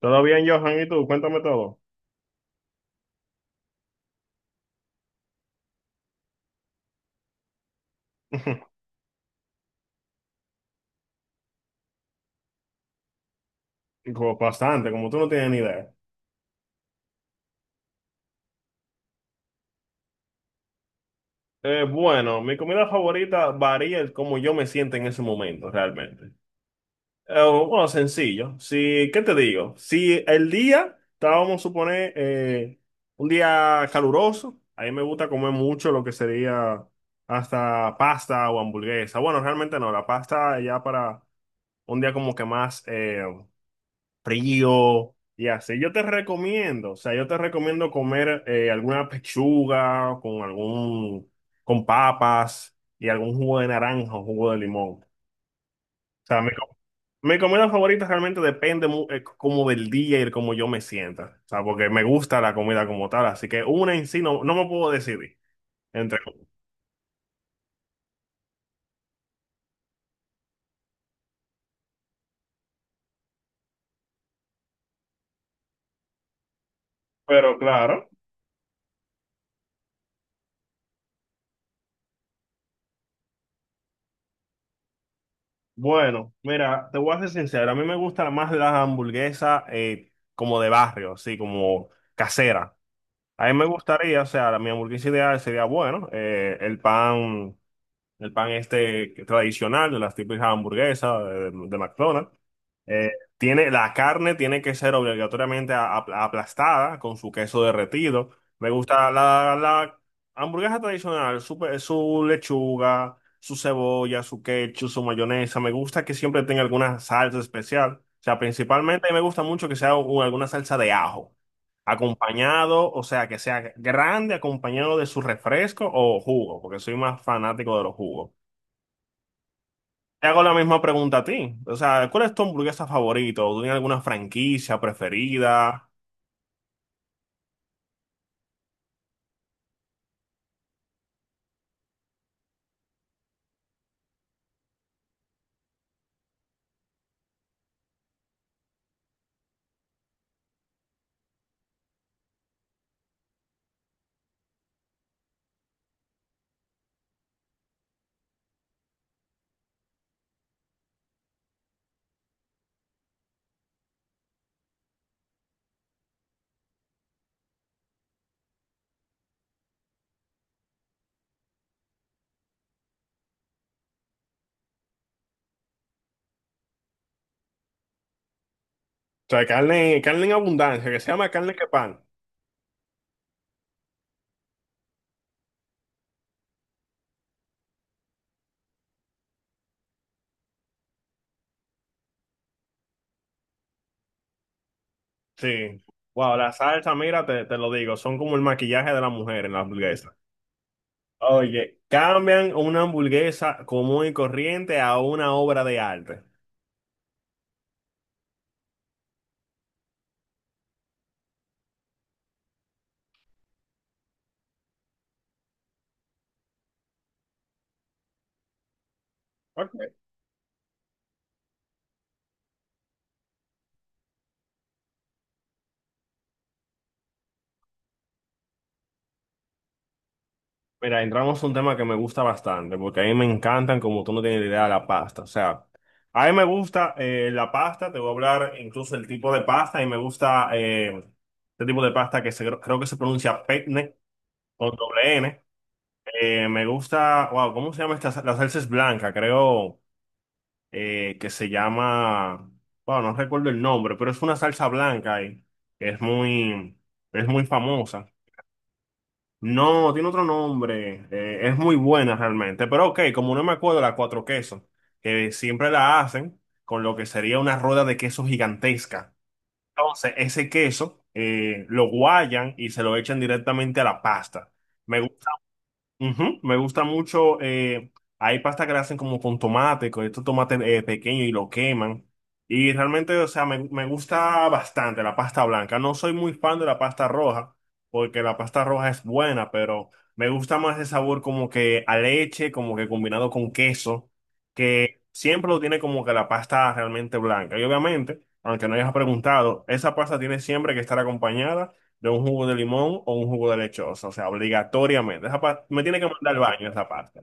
¿Todo bien, Johan? ¿Y tú? Cuéntame todo. Como bastante, como tú no tienes ni idea. Bueno, mi comida favorita varía el cómo yo me siento en ese momento, realmente. Eh, bueno, sencillo. Si, ¿qué te digo? Si el día, estábamos a suponer, un día caluroso, a mí me gusta comer mucho lo que sería hasta pasta o hamburguesa. Bueno, realmente no, la pasta ya para un día como que más frío y así. Yo te recomiendo, o sea, yo te recomiendo comer alguna pechuga con con papas y algún jugo de naranja o jugo de limón. O sea, mi comida favorita realmente depende como del día y como yo me sienta. O sea, porque me gusta la comida como tal, así que una en sí no me puedo decidir entre. Pero claro, bueno, mira, te voy a ser sincero, a mí me gusta más las hamburguesas como de barrio, así como casera. A mí me gustaría, o sea, mi hamburguesa ideal sería, bueno, el pan este tradicional de las típicas hamburguesas de McDonald's. Eh, tiene, la carne tiene que ser obligatoriamente aplastada con su queso derretido. Me gusta la hamburguesa tradicional, su lechuga, su cebolla, su ketchup, su mayonesa. Me gusta que siempre tenga alguna salsa especial. O sea, principalmente me gusta mucho que sea alguna salsa de ajo. Acompañado, o sea, que sea grande, acompañado de su refresco o jugo, porque soy más fanático de los jugos. Te hago la misma pregunta a ti. O sea, ¿cuál es tu hamburguesa favorita? O, ¿tienes alguna franquicia preferida? O sea, carne, carne en abundancia, que se llama carne que pan. Sí. Wow, la salsa, mira, te lo digo, son como el maquillaje de la mujer en la hamburguesa. Oye, cambian una hamburguesa común y corriente a una obra de arte. Ok. Mira, entramos a un tema que me gusta bastante, porque a mí me encantan, como tú no tienes idea, la pasta. O sea, a mí me gusta la pasta, te voy a hablar incluso del tipo de pasta, y me gusta este tipo de pasta que creo que se pronuncia penne, con doble N. Me gusta, wow, ¿cómo se llama esta? Sa- La salsa es blanca, creo que se llama, wow, no recuerdo el nombre, pero es una salsa blanca y es muy, es muy famosa. No, tiene otro nombre. Es muy buena realmente. Pero ok, como no me acuerdo, la cuatro quesos, que siempre la hacen con lo que sería una rueda de queso gigantesca. Entonces, ese queso lo guayan y se lo echan directamente a la pasta. Me, gu- Ujú, me gusta mucho. Hay pasta que la hacen como con tomate, con estos tomates pequeños y lo queman. Y realmente, o sea, me gusta bastante la pasta blanca. No soy muy fan de la pasta roja, porque la pasta roja es buena, pero me gusta más el sabor como que a leche, como que combinado con queso, que siempre lo tiene como que la pasta realmente blanca. Y obviamente, aunque no hayas preguntado, esa pasta tiene siempre que estar acompañada de un jugo de limón o un jugo de lechosa, o sea, obligatoriamente. Esa pa- me tiene que mandar al baño esa pasta.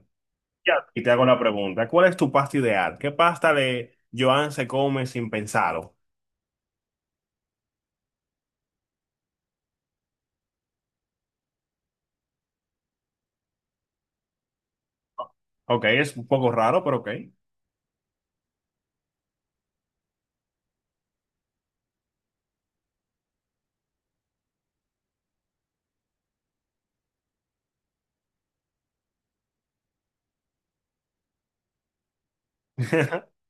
Ya, y te hago la pregunta, ¿cuál es tu pasta ideal? ¿Qué pasta de Joan se come sin pensarlo? Ok, es un poco raro, pero ok.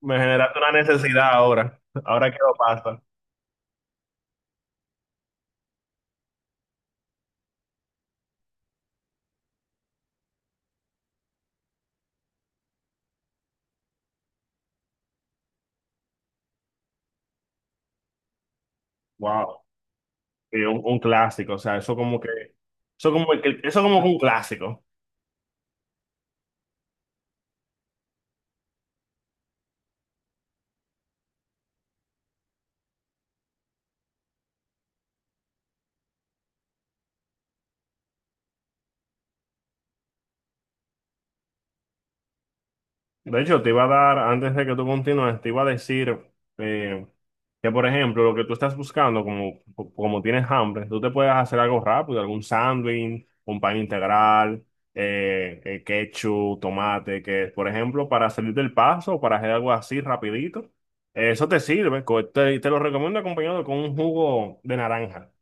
Me generaste una necesidad ahora. Ahora quiero pasta. Wow. Sí, un clásico, o sea, eso como que un clásico. De hecho, te iba a dar, antes de que tú continúes, te iba a decir eh, que, por ejemplo, lo que tú estás buscando, como, como tienes hambre, tú te puedes hacer algo rápido, algún sándwich, un pan integral, ketchup, tomate, que, por ejemplo, para salir del paso, para hacer algo así rapidito, eso te sirve, te lo recomiendo acompañado con un jugo de naranja.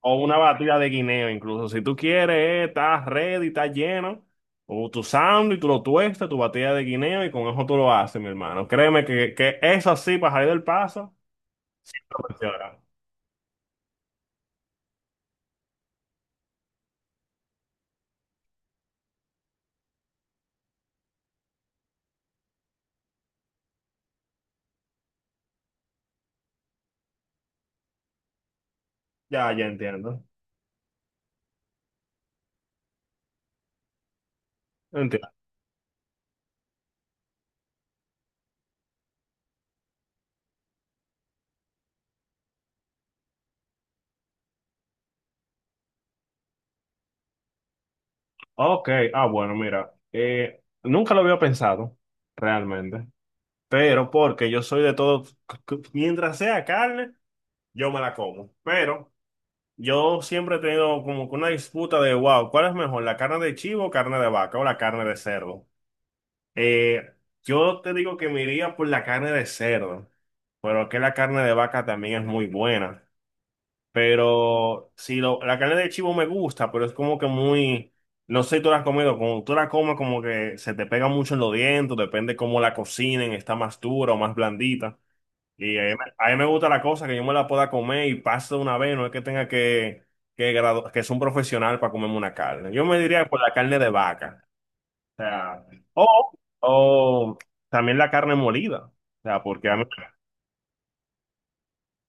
O una batida de guineo, incluso. Si tú quieres, estás ready, estás lleno. O tu sándwich, tú lo tuestas, tu batida de guineo y con eso tú lo haces, mi hermano. Créeme que eso así, para salir del paso, lo funciona. Ya, ya entiendo. Entiendo. Ok, ah, bueno, mira. Nunca lo había pensado, realmente. Pero porque yo soy de todo, mientras sea carne, yo me la como. Pero. Yo siempre he tenido como que una disputa de, wow, ¿cuál es mejor, la carne de chivo, carne de vaca o la carne de cerdo? Eh, yo te digo que me iría por la carne de cerdo, pero que la carne de vaca también es muy buena. Pero si la carne de chivo me gusta, pero es como que muy, no sé si tú la has comido, como tú la comes como que se te pega mucho en los dientes, depende cómo la cocinen, está más dura o más blandita. A mí me gusta la cosa que yo me la pueda comer y paso de una vez, no es que tenga que, ser un profesional para comerme una carne. Yo me diría por la carne de vaca. O sea, o también la carne molida. O sea, porque a mí,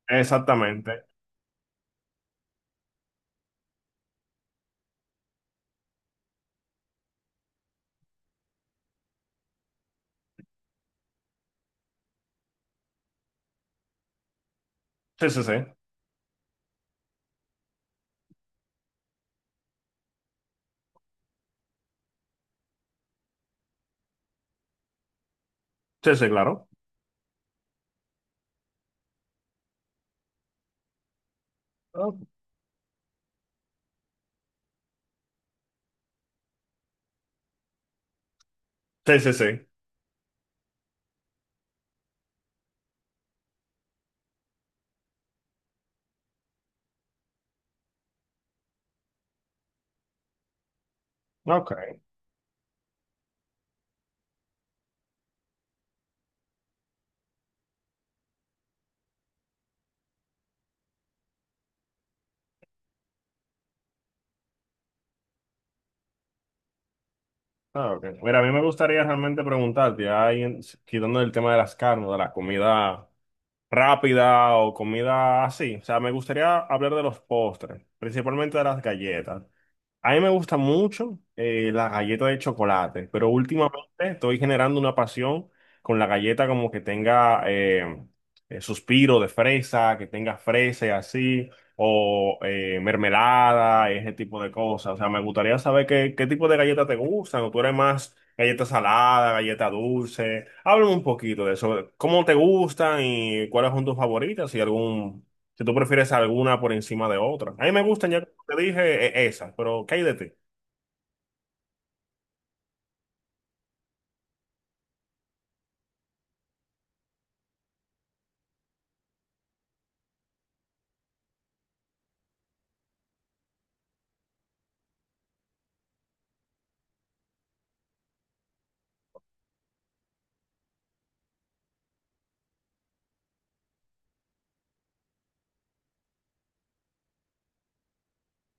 exactamente. Sí, sí, sí. Sí, sí, claro. Ok. Sí, sí, sí. Ok. Ah, ok. Mira, a mí me gustaría realmente preguntarte, ahí quitando el tema de las carnes, de la comida rápida o comida así. O sea, me gustaría hablar de los postres, principalmente de las galletas. A mí me gusta mucho la galleta de chocolate, pero últimamente estoy generando una pasión con la galleta como que tenga suspiro de fresa, que tenga fresa y así, o mermelada, ese tipo de cosas. O sea, me gustaría saber qué tipo de galleta te gustan, o tú eres más galleta salada, galleta dulce. Háblame un poquito de eso, cómo te gustan y cuáles son tus favoritas, si algún, si tú prefieres alguna por encima de otra. A mí me gustan ya te dije esa, pero ¿qué hay de ti?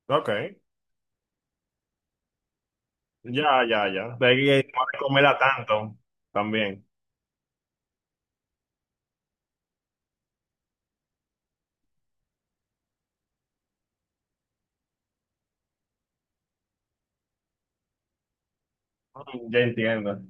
Ok, ya, ya, ya. De ahí no de comerla tanto también. Mm, ya entiendo.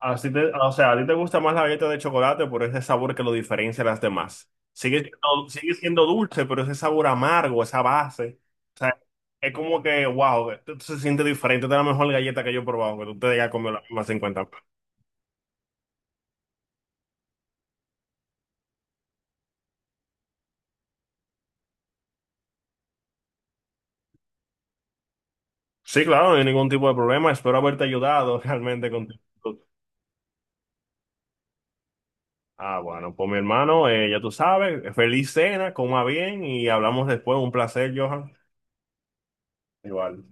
Así te, o sea, a ti te gusta más la galleta de chocolate por ese sabor que lo diferencia de las demás. Sigue siendo dulce, pero ese sabor amargo, esa base. O sea, es como que, wow, esto se siente diferente. Esta es la mejor galleta que yo he probado, que tú te hayas comido la misma 50. Sí, claro, no hay ningún tipo de problema. Espero haberte ayudado realmente con tu. Ah, bueno, pues mi hermano, ya tú sabes, feliz cena, coma bien y hablamos después. Un placer, Johan. Igual.